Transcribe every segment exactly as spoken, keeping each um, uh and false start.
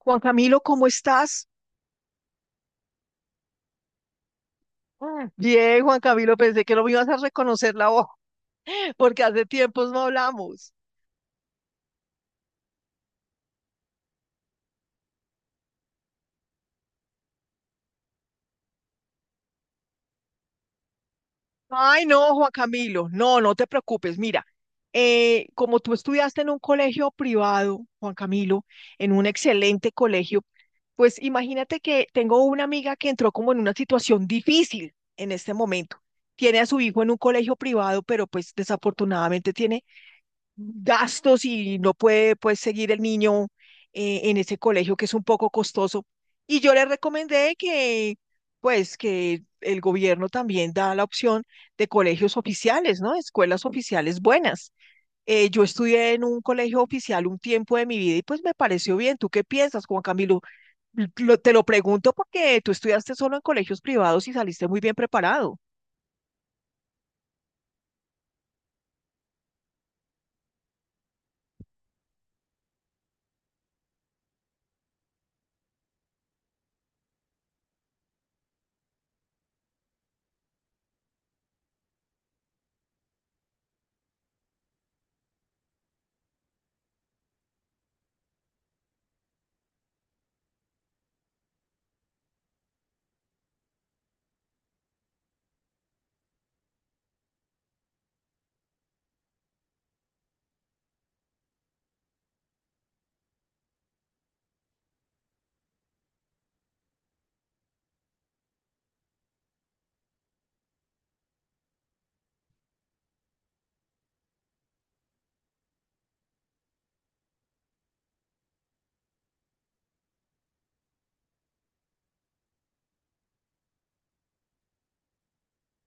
Juan Camilo, ¿cómo estás? Mm, Bien, Juan Camilo, pensé que no me ibas a reconocer la voz, porque hace tiempos no hablamos. Ay, no, Juan Camilo, no, no te preocupes. Mira, eh, como tú estudiaste en un colegio privado, Juan Camilo, en un excelente colegio, pues imagínate que tengo una amiga que entró como en una situación difícil en este momento. Tiene a su hijo en un colegio privado, pero pues desafortunadamente tiene gastos y no puede pues seguir el niño eh, en ese colegio que es un poco costoso. Y yo le recomendé que pues que el gobierno también da la opción de colegios oficiales, ¿no? Escuelas oficiales buenas. Eh, yo estudié en un colegio oficial un tiempo de mi vida y pues me pareció bien. ¿Tú qué piensas, Juan Camilo? Lo- te lo pregunto porque tú estudiaste solo en colegios privados y saliste muy bien preparado.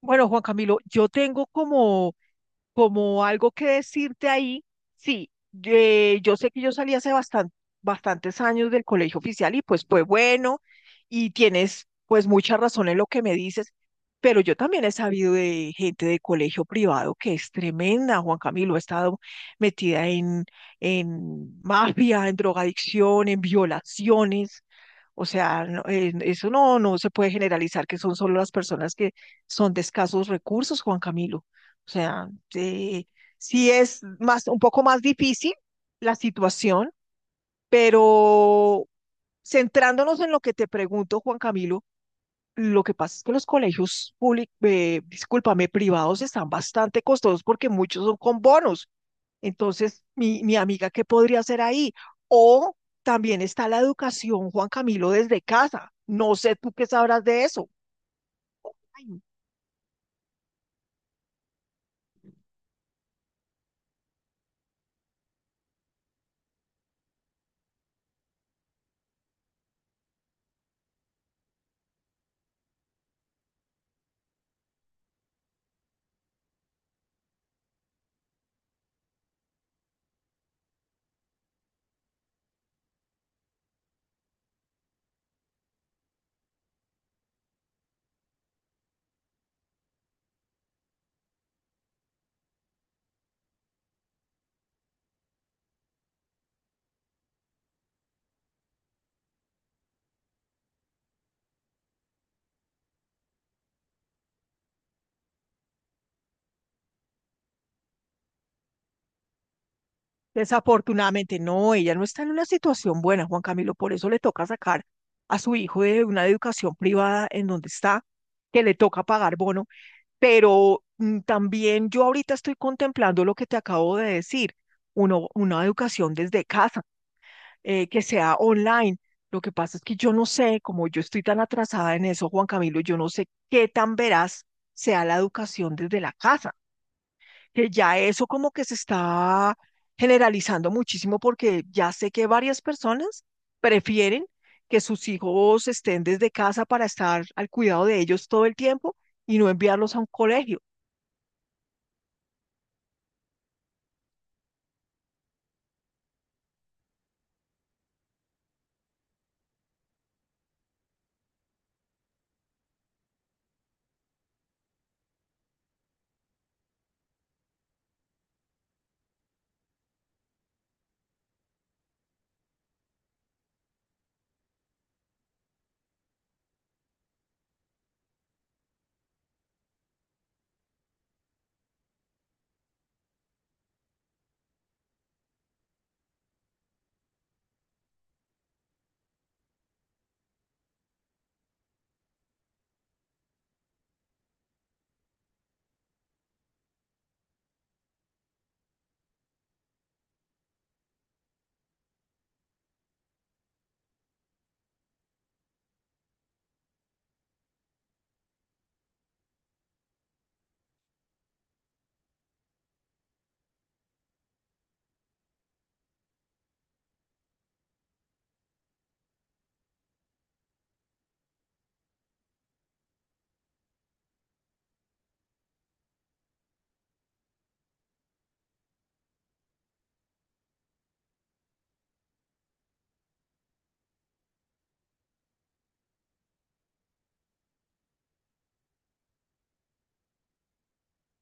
Bueno, Juan Camilo, yo tengo como como algo que decirte ahí, sí, eh, yo sé que yo salí hace bastan- bastantes años del colegio oficial y pues fue bueno y tienes pues mucha razón en lo que me dices, pero yo también he sabido de gente de colegio privado que es tremenda, Juan Camilo, ha estado metida en, en mafia, en drogadicción, en violaciones. O sea, no, eh, eso no, no se puede generalizar que son solo las personas que son de escasos recursos, Juan Camilo. O sea, eh, sí es más, un poco más difícil la situación, pero centrándonos en lo que te pregunto, Juan Camilo, lo que pasa es que los colegios públicos, discúlpame, privados están bastante costosos porque muchos son con bonos. Entonces, mi, mi amiga, ¿qué podría hacer ahí? O también está la educación, Juan Camilo, desde casa. No sé tú qué sabrás de eso. Desafortunadamente, no, ella no está en una situación buena, Juan Camilo, por eso le toca sacar a su hijo de una educación privada en donde está, que le toca pagar bono, pero mm, también yo ahorita estoy contemplando lo que te acabo de decir, uno, una educación desde casa, eh, que sea online. Lo que pasa es que yo no sé, como yo estoy tan atrasada en eso, Juan Camilo, yo no sé qué tan veraz sea la educación desde la casa, que ya eso como que se está generalizando muchísimo porque ya sé que varias personas prefieren que sus hijos estén desde casa para estar al cuidado de ellos todo el tiempo y no enviarlos a un colegio.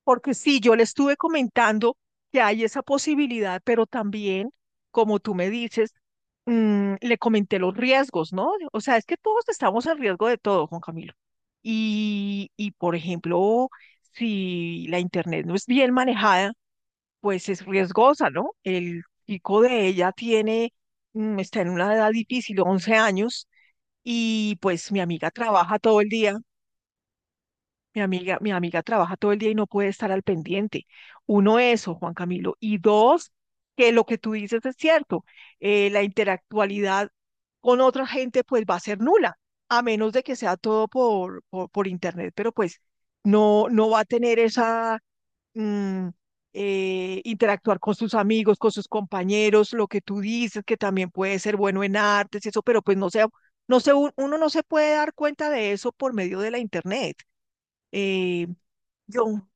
Porque sí, yo le estuve comentando que hay esa posibilidad, pero también, como tú me dices, mm, le comenté los riesgos, ¿no? O sea, es que todos estamos en riesgo de todo, Juan Camilo. Y, y por ejemplo, si la internet no es bien manejada, pues es riesgosa, ¿no? El chico de ella tiene, mm, está en una edad difícil, once años, y pues mi amiga trabaja todo el día, mi amiga, mi amiga trabaja todo el día y no puede estar al pendiente. Uno, eso, Juan Camilo. Y dos, que lo que tú dices es cierto, eh, la interactualidad con otra gente pues va a ser nula, a menos de que sea todo por, por, por internet, pero pues no, no va a tener esa mm, eh, interactuar con sus amigos, con sus compañeros, lo que tú dices, que también puede ser bueno en artes y eso, pero pues no sé, no sé, un- uno no se puede dar cuenta de eso por medio de la internet. Eh, yo,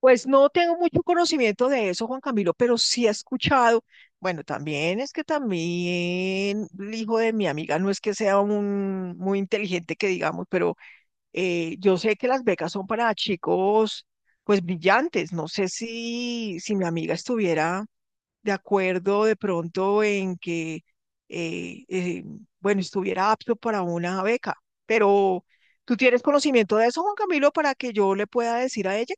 pues no tengo mucho conocimiento de eso, Juan Camilo, pero sí he escuchado. Bueno, también es que también el hijo de mi amiga no es que sea un muy inteligente que digamos, pero. Eh, yo sé que las becas son para chicos, pues brillantes. No sé si, si mi amiga estuviera de acuerdo de pronto en que, eh, eh, bueno, estuviera apto para una beca. Pero, ¿tú tienes conocimiento de eso, Juan Camilo, para que yo le pueda decir a ella?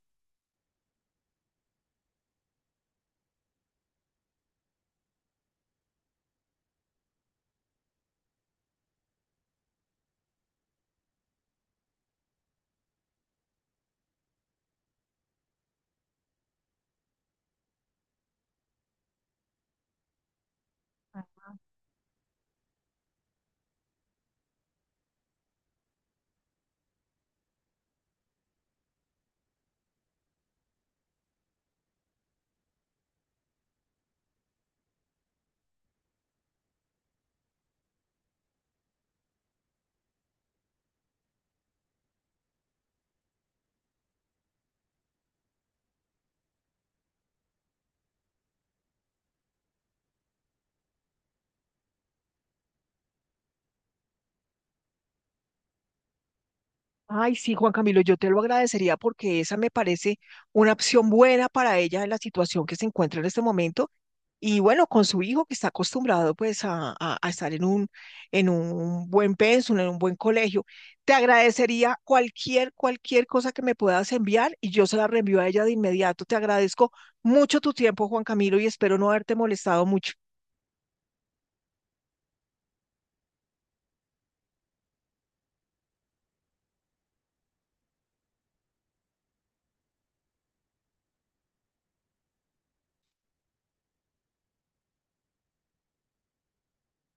Ay, sí, Juan Camilo, yo te lo agradecería porque esa me parece una opción buena para ella en la situación que se encuentra en este momento. Y bueno, con su hijo que está acostumbrado pues a, a- a estar en un, en un, buen pensum, en un buen colegio. Te agradecería cualquier, cualquier cosa que me puedas enviar y yo se la reenvío a ella de inmediato. Te agradezco mucho tu tiempo, Juan Camilo, y espero no haberte molestado mucho.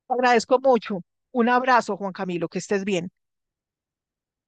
Te agradezco mucho. Un abrazo, Juan Camilo, que estés bien.